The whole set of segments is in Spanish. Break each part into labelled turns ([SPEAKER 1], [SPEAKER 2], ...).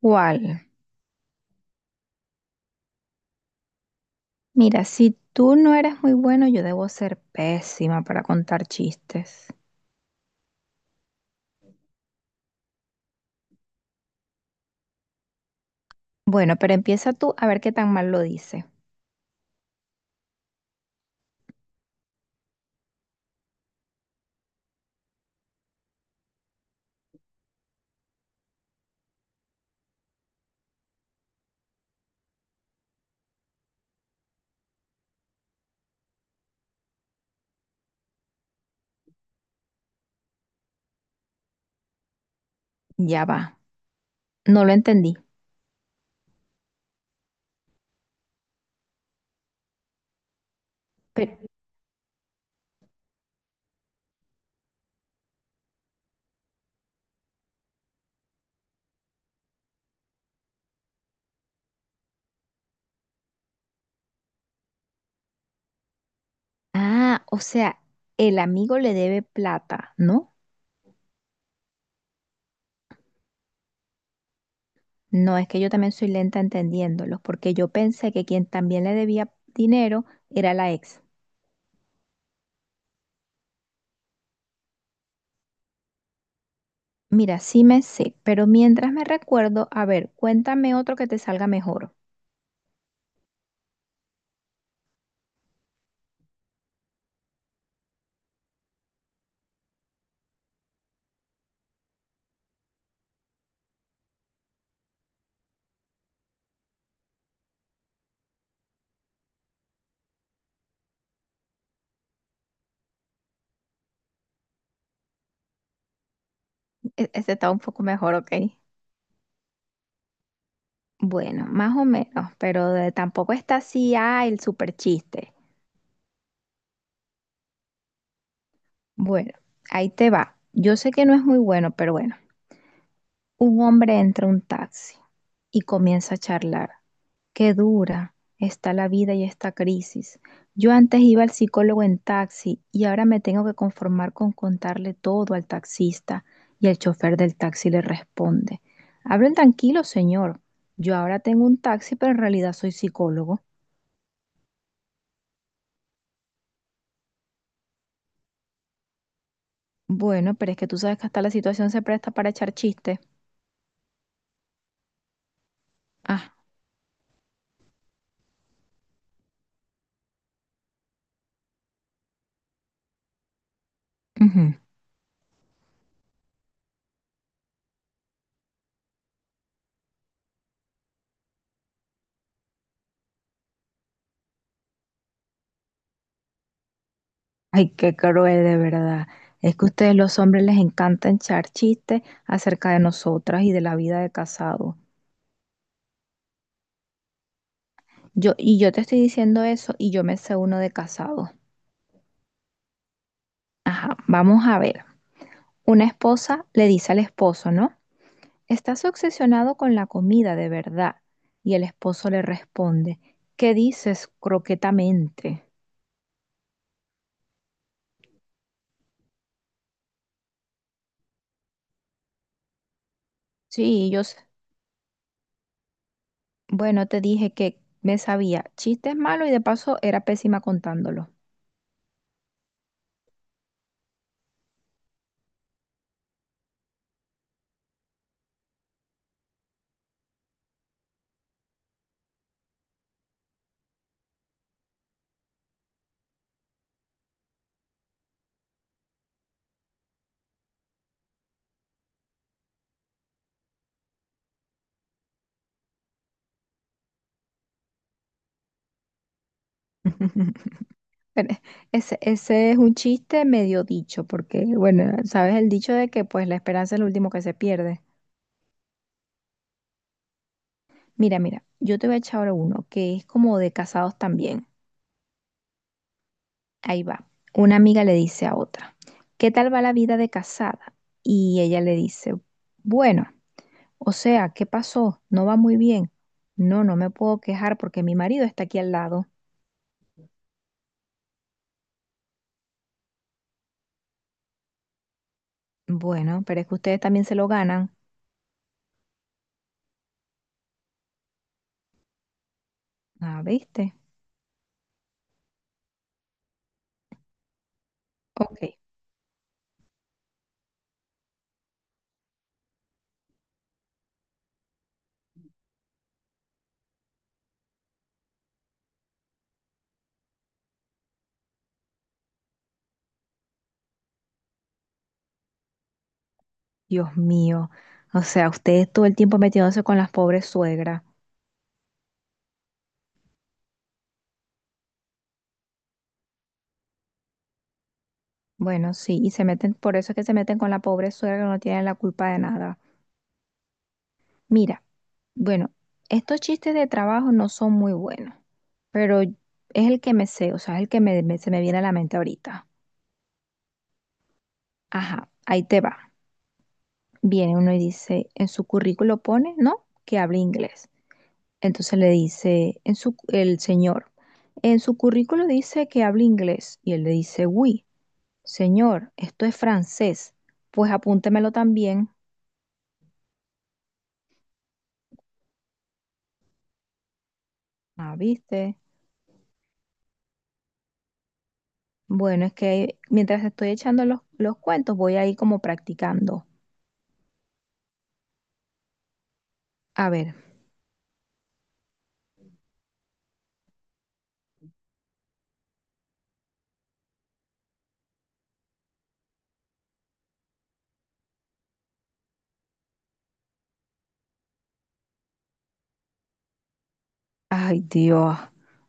[SPEAKER 1] ¿Cuál? Mira, si tú no eres muy bueno, yo debo ser pésima para contar chistes. Bueno, pero empieza tú a ver qué tan mal lo dice. Ya va. No lo entendí. Pero, ah, o sea, el amigo le debe plata, ¿no? No, es que yo también soy lenta entendiéndolos, porque yo pensé que quien también le debía dinero era la ex. Mira, sí me sé, pero mientras me recuerdo, a ver, cuéntame otro que te salga mejor. Este está un poco mejor, ¿ok? Bueno, más o menos, pero tampoco está así, el super chiste. Bueno, ahí te va. Yo sé que no es muy bueno, pero bueno. Un hombre entra a un taxi y comienza a charlar. Qué dura está la vida y esta crisis. Yo antes iba al psicólogo en taxi y ahora me tengo que conformar con contarle todo al taxista y el chofer del taxi le responde. Hablen tranquilo, señor. Yo ahora tengo un taxi, pero en realidad soy psicólogo. Bueno, pero es que tú sabes que hasta la situación se presta para echar chistes. Ah. Ujú. Ay, qué cruel, de verdad. Es que a ustedes los hombres les encanta echar chistes acerca de nosotras y de la vida de casado. Y yo te estoy diciendo eso y yo me sé uno de casado. Ajá, vamos a ver. Una esposa le dice al esposo, ¿no? Estás obsesionado con la comida, de verdad. Y el esposo le responde, ¿qué dices croquetamente? Sí. Bueno, te dije que me sabía chistes malos y de paso era pésima contándolo. Pero ese es un chiste medio dicho, porque, bueno, sabes el dicho de que pues la esperanza es lo último que se pierde. Mira, yo te voy a echar ahora uno que es como de casados también. Ahí va. Una amiga le dice a otra, ¿qué tal va la vida de casada? Y ella le dice, bueno, o sea, ¿qué pasó? No va muy bien. No, no me puedo quejar porque mi marido está aquí al lado. Bueno, pero es que ustedes también se lo ganan. Ah, ¿viste? Ok. Dios mío. O sea, ustedes todo el tiempo metiéndose con las pobres suegras. Bueno, sí, y se meten, por eso es que se meten con la pobre suegra que no tienen la culpa de nada. Mira, bueno, estos chistes de trabajo no son muy buenos, pero es el que me sé, o sea, es el que se me viene a la mente ahorita. Ajá, ahí te va. Viene uno y dice, en su currículo pone, ¿no? Que habla inglés. Entonces le dice, el señor, en su currículo dice que habla inglés y él le dice, oui, señor, esto es francés, pues apúntemelo también. Ah, ¿viste? Bueno, es que mientras estoy echando los cuentos voy ahí como practicando. A ver, ay Dios.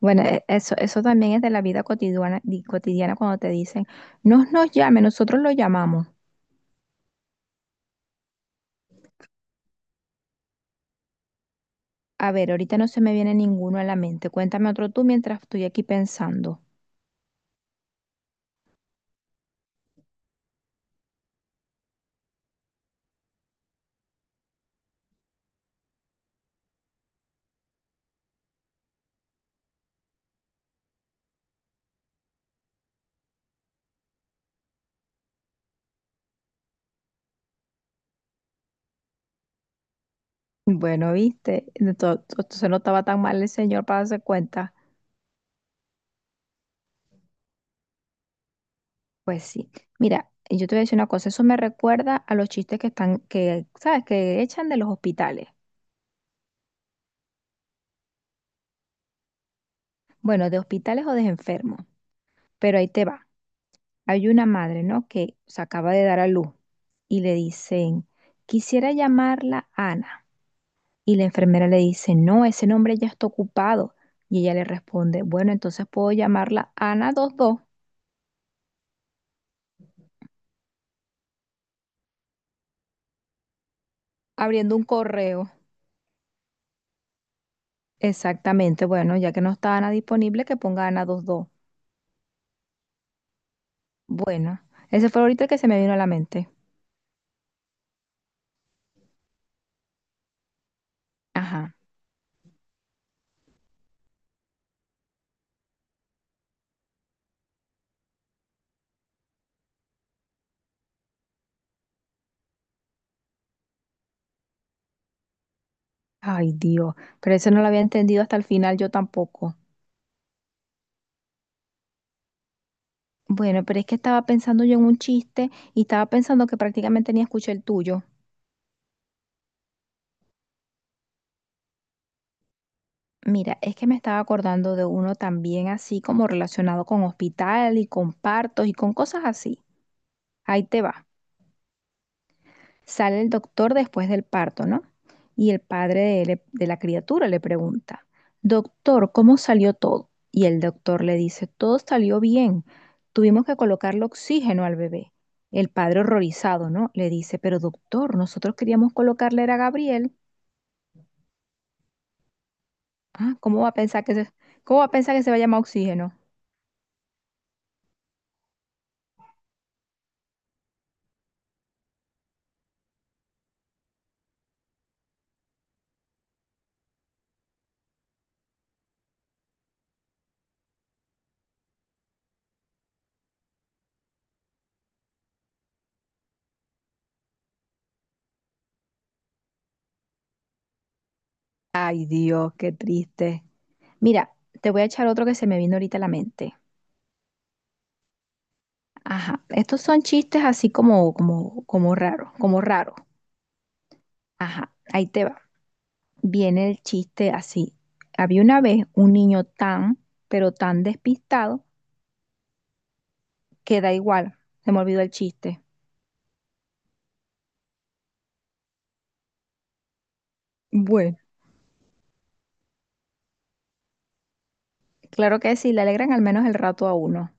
[SPEAKER 1] Bueno, eso también es de la vida cotidiana, cotidiana cuando te dicen, no nos llame, nosotros lo llamamos. A ver, ahorita no se me viene ninguno a la mente. Cuéntame otro tú mientras estoy aquí pensando. Bueno, viste, De to- to- se no estaba tan mal el señor para darse cuenta. Pues sí. Mira, yo te voy a decir una cosa, eso me recuerda a los chistes que están, que, ¿sabes? Que echan de los hospitales. Bueno, de hospitales o de enfermos. Pero ahí te va. Hay una madre, ¿no? Que se acaba de dar a luz y le dicen, quisiera llamarla Ana. Y la enfermera le dice, no, ese nombre ya está ocupado. Y ella le responde, bueno, entonces puedo llamarla Ana 22, abriendo un correo. Exactamente, bueno, ya que no está Ana disponible, que ponga Ana 22. Bueno, ese fue ahorita el que se me vino a la mente. Ajá. Ay, Dios, pero eso no lo había entendido hasta el final yo tampoco. Bueno, pero es que estaba pensando yo en un chiste y estaba pensando que prácticamente ni escuché el tuyo. Mira, es que me estaba acordando de uno también así como relacionado con hospital y con partos y con cosas así. Ahí te va. Sale el doctor después del parto, ¿no? Y el padre de la criatura le pregunta, doctor, ¿cómo salió todo? Y el doctor le dice, todo salió bien. Tuvimos que colocarle oxígeno al bebé. El padre horrorizado, ¿no? Le dice, pero doctor, nosotros queríamos colocarle era a Gabriel. Ah, ¿cómo va a pensar que se va a llamar oxígeno? Ay, Dios, qué triste. Mira, te voy a echar otro que se me vino ahorita a la mente. Ajá, estos son chistes así como raros, como raros. Ajá, ahí te va. Viene el chiste así. Había una vez un niño tan, pero tan despistado que da igual. Se me olvidó el chiste. Bueno, claro que sí, le alegran al menos el rato a uno.